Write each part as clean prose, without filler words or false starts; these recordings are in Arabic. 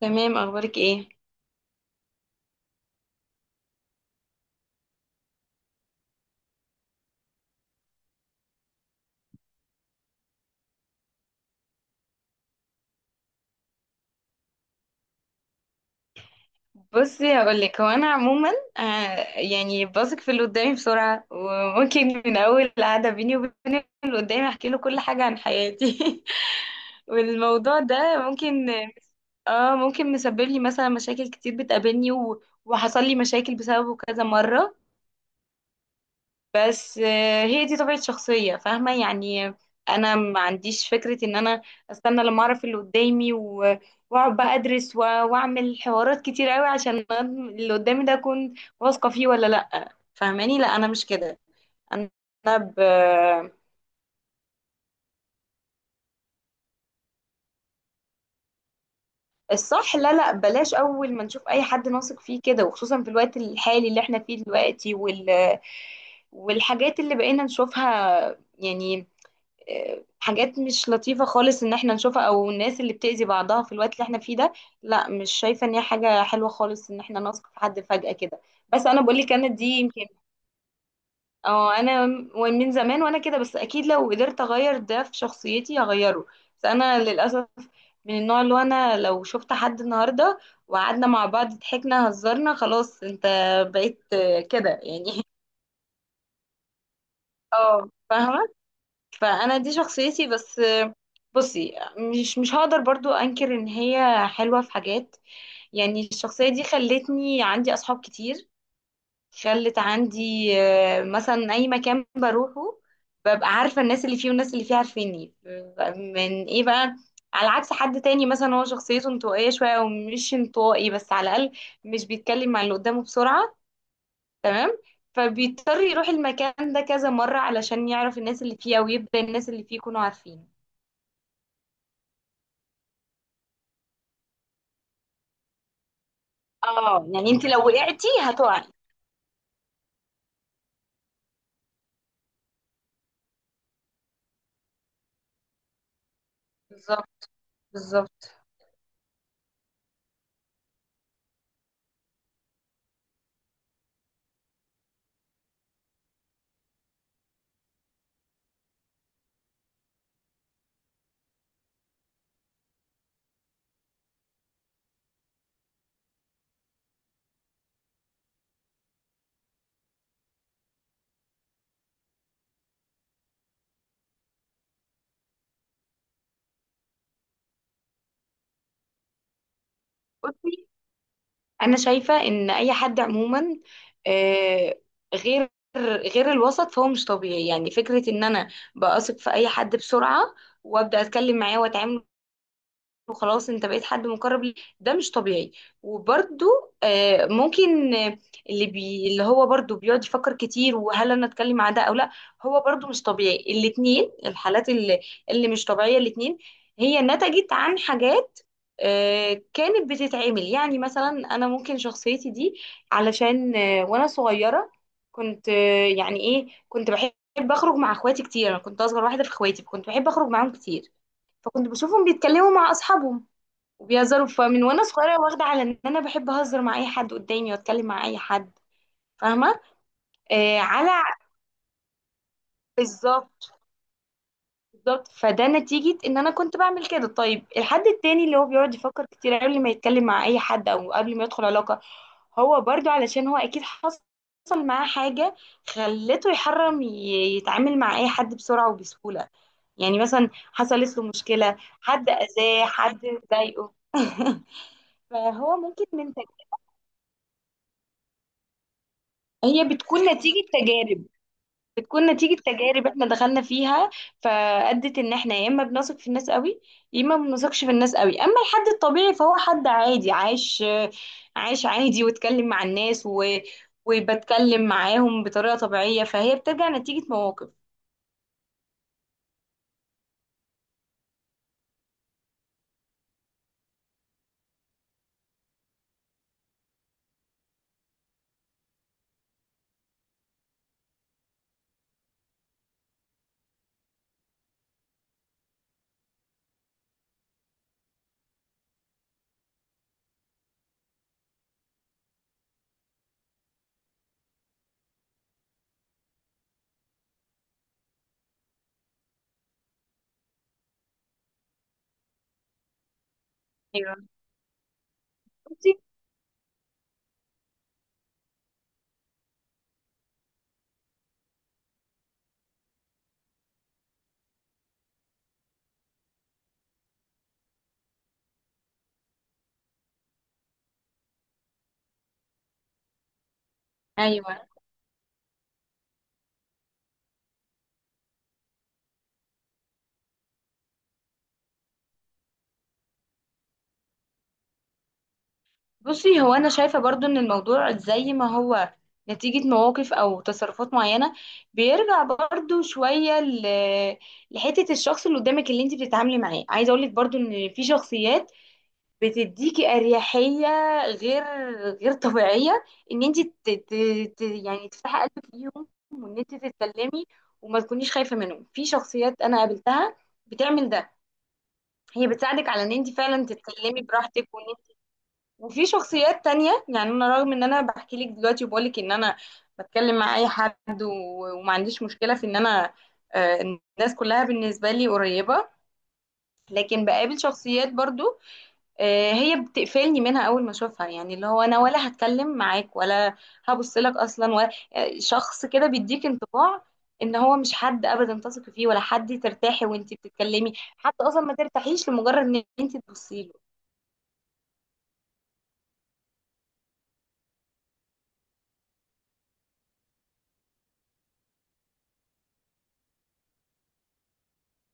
تمام، اخبارك ايه؟ بصي هقول لك، هو انا عموما يعني بثق في اللي قدامي بسرعه، وممكن من اول قعده بيني وبين اللي قدامي احكي له كل حاجه عن حياتي. والموضوع ده ممكن، اه ممكن مسبب لي مثلا مشاكل كتير بتقابلني وحصل لي مشاكل بسببه كذا مره. بس هي دي طبيعة شخصية، فاهمة يعني. انا ما عنديش فكرة ان انا استنى لما اعرف اللي قدامي واقعد بقى ادرس واعمل حوارات كتير قوي عشان اللي قدامي ده اكون واثقة فيه ولا لا، فاهماني؟ لا انا مش كده. انا ب... الصح، لا لا، بلاش اول ما نشوف اي حد نثق فيه كده، وخصوصا في الوقت الحالي اللي احنا فيه دلوقتي والحاجات اللي بقينا نشوفها، يعني حاجات مش لطيفة خالص ان احنا نشوفها، او الناس اللي بتأذي بعضها في الوقت اللي احنا فيه ده. لا، مش شايفة ان هي حاجة حلوة خالص ان احنا نثق في حد فجأة كده. بس انا بقول لك، انا دي يمكن. اه انا من زمان وانا كده، بس اكيد لو قدرت اغير ده في شخصيتي هغيره. بس انا للأسف من النوع اللي هو انا لو شفت حد النهاردة وقعدنا مع بعض، ضحكنا، هزرنا، خلاص انت بقيت كده يعني. اه فاهمة. فانا دي شخصيتي. بس بصي، مش هقدر برضو انكر ان هي حلوة في حاجات. يعني الشخصية دي خلتني عندي اصحاب كتير، خلت عندي مثلا اي مكان بروحه ببقى عارفة الناس اللي فيه والناس اللي فيه عارفيني، من ايه بقى؟ على عكس حد تاني مثلا هو شخصيته انطوائية شوية، ومش انطوائي بس، على الأقل مش بيتكلم مع اللي قدامه بسرعة، تمام؟ فبيضطر يروح المكان ده كذا مرة علشان يعرف الناس اللي فيه، أو يبدأ الناس اللي فيه يكونوا عارفينه. اه يعني انت لو وقعتي هتقعي. بالظبط. بالظبط. بصي انا شايفه ان اي حد عموما، آه، غير غير الوسط، فهو مش طبيعي. يعني فكره ان انا بثق في اي حد بسرعه وابدا اتكلم معاه واتعامل، وخلاص انت بقيت حد مقرب لي، ده مش طبيعي. وبرده ممكن، اللي هو برده بيقعد يفكر كتير، وهل انا اتكلم مع ده او لا، هو برده مش طبيعي. الاتنين الحالات اللي مش طبيعية الاتنين هي نتجت عن حاجات كانت بتتعمل. يعني مثلا انا ممكن شخصيتي دي علشان وانا صغيرة كنت يعني ايه، كنت بحب اخرج مع اخواتي كتير، انا كنت اصغر واحدة في اخواتي، كنت بحب اخرج معاهم كتير، فكنت بشوفهم بيتكلموا مع اصحابهم وبيهزروا. فمن وانا صغيره واخده على ان انا بحب اهزر مع اي حد قدامي واتكلم مع اي حد، فاهمه؟ آه على بالظبط. بالظبط فده نتيجه ان انا كنت بعمل كده. طيب الحد التاني اللي هو بيقعد يفكر كتير قبل ما يتكلم مع اي حد او قبل ما يدخل علاقه، هو برضو علشان هو اكيد حصل معاه حاجه خلته يحرم يتعامل مع اي حد بسرعه وبسهوله. يعني مثلا حصلت له مشكله، حد اذاه، حد ضايقه. فهو ممكن من، هي بتكون نتيجة تجارب، بتكون نتيجة تجارب احنا دخلنا فيها، فأدت ان احنا يا اما بنثق في الناس قوي يا اما ما بنثقش في الناس قوي. اما الحد الطبيعي فهو حد عادي عايش، عايش عادي واتكلم مع الناس وبتكلم معاهم بطريقة طبيعية، فهي بترجع نتيجة مواقف. ايوه. بصي، ايوه. بصي، هو انا شايفه برضو ان الموضوع زي ما هو نتيجه مواقف او تصرفات معينه، بيرجع برضو شويه لحته الشخص اللي قدامك اللي انت بتتعاملي معاه. عايزه اقولك برضو ان في شخصيات بتديكي اريحيه، غير غير طبيعيه، ان انت يعني تفتحي قلبك ليهم، وان انت تتكلمي وما تكونيش خايفه منهم. في شخصيات انا قابلتها بتعمل ده، هي بتساعدك على ان انت فعلا تتكلمي براحتك. وفي شخصيات تانية، يعني انا رغم ان انا بحكي لك دلوقتي وبقول لك ان انا بتكلم مع اي حد وما عنديش مشكلة في ان انا، الناس كلها بالنسبة لي قريبة، لكن بقابل شخصيات برضو هي بتقفلني منها اول ما اشوفها. يعني اللي هو انا ولا هتكلم معاك ولا هبص لك اصلا، ولا، شخص كده بيديك انطباع ان هو مش حد ابدا تثقي فيه، ولا حد ترتاحي وانتي بتتكلمي، حتى اصلا ما ترتاحيش لمجرد ان انتي تبصي له.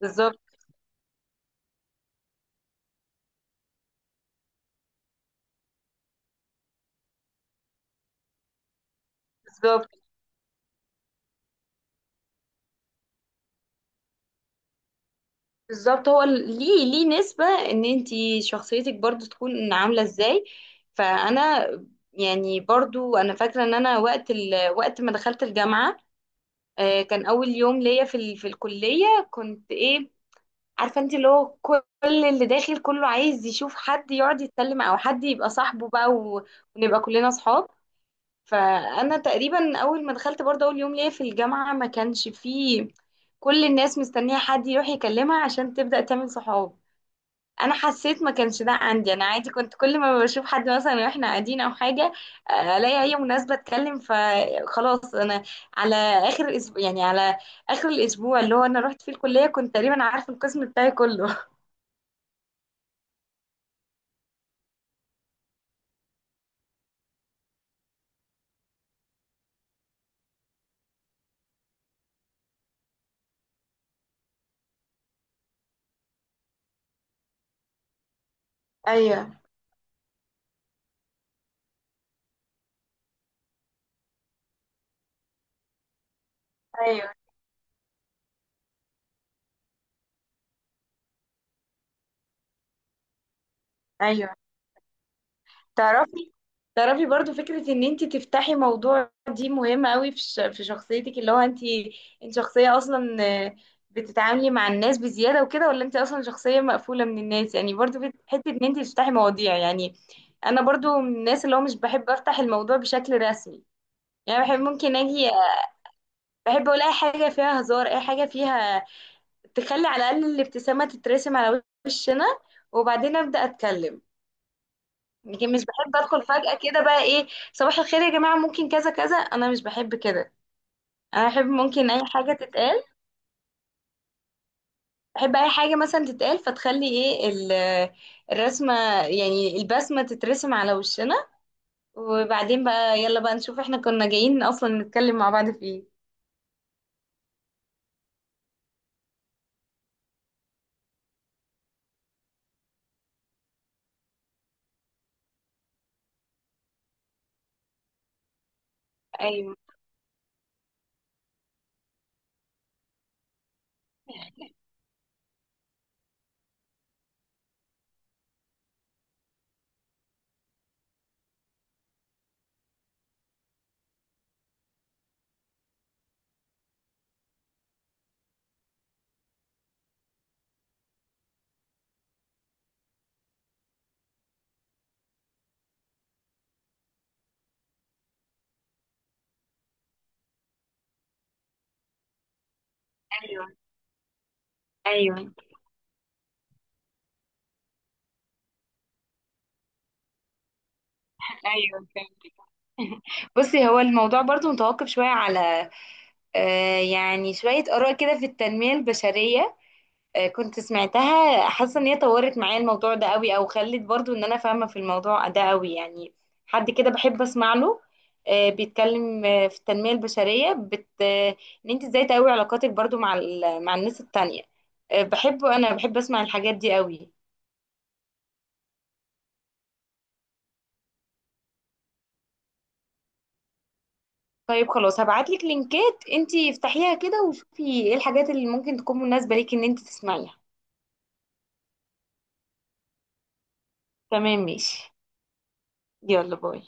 بالظبط. بالظبط. بالظبط. ليه ليه نسبة ان انتي شخصيتك برضو تكون عاملة ازاي. فانا، يعني برضو انا فاكرة ان انا وقت وقت ما دخلت الجامعة، كان اول يوم ليا في في الكلية كنت ايه، عارفة انت اللي هو كل اللي داخل كله عايز يشوف حد يقعد يتكلم او حد يبقى صاحبه بقى ونبقى كلنا صحاب. فانا تقريبا اول ما دخلت برضو اول يوم ليا في الجامعة ما كانش فيه كل الناس مستنية حد يروح يكلمها عشان تبدأ تعمل صحاب. انا حسيت ما كانش ده عندي، انا عادي كنت كل ما بشوف حد مثلا واحنا قاعدين او حاجه، الاقي اي مناسبه اتكلم، فخلاص انا على اخر الاسبوع، يعني على اخر الاسبوع اللي هو انا رحت فيه الكليه كنت تقريبا عارفه القسم بتاعي كله. ايوه. ايوه. ايوه. تعرفي، تعرفي برضو فكرة ان انت تفتحي موضوع دي مهمة قوي في في شخصيتك، اللي هو انت انت شخصية اصلا آه، بتتعاملي مع الناس بزيادة وكده، ولا انت اصلا شخصية مقفولة من الناس؟ يعني برضو في حتة ان انت تفتحي مواضيع يعني. انا برضو من الناس اللي هو مش بحب افتح الموضوع بشكل رسمي، يعني بحب ممكن اجي، بحب اقول اي حاجة فيها هزار، اي حاجة فيها تخلي على الاقل الابتسامة تترسم على وشنا، وبعدين ابدا اتكلم. لكن مش بحب ادخل فجأة كده بقى ايه، صباح الخير يا جماعة ممكن كذا كذا، انا مش بحب كده. انا احب ممكن اي حاجة تتقال، احب اي حاجة مثلا تتقال فتخلي ايه الرسمة، يعني البسمة تترسم على وشنا، وبعدين بقى يلا بقى نشوف احنا كنا جايين اصلا نتكلم مع بعض في ايه. ايوه. ايوه. ايوه. ايوه فهمت. بصي هو الموضوع برضو متوقف شوية على، آه يعني شوية آراء كده في التنمية البشرية كنت سمعتها، حاسه ان هي طورت معايا الموضوع ده قوي، او خلت برضو ان انا فاهمه في الموضوع ده قوي. يعني حد كده بحب اسمع له بيتكلم في التنميه البشريه، بت... آه، ان انت ازاي تقوي علاقاتك برضو مع مع الناس التانية، بحبه. انا بحب اسمع الحاجات دي قوي. طيب خلاص هبعتلك لينكات انت افتحيها كده وشوفي ايه الحاجات اللي ممكن تكون مناسبه ليكي ان انت تسمعيها. تمام ماشي. يلا باي.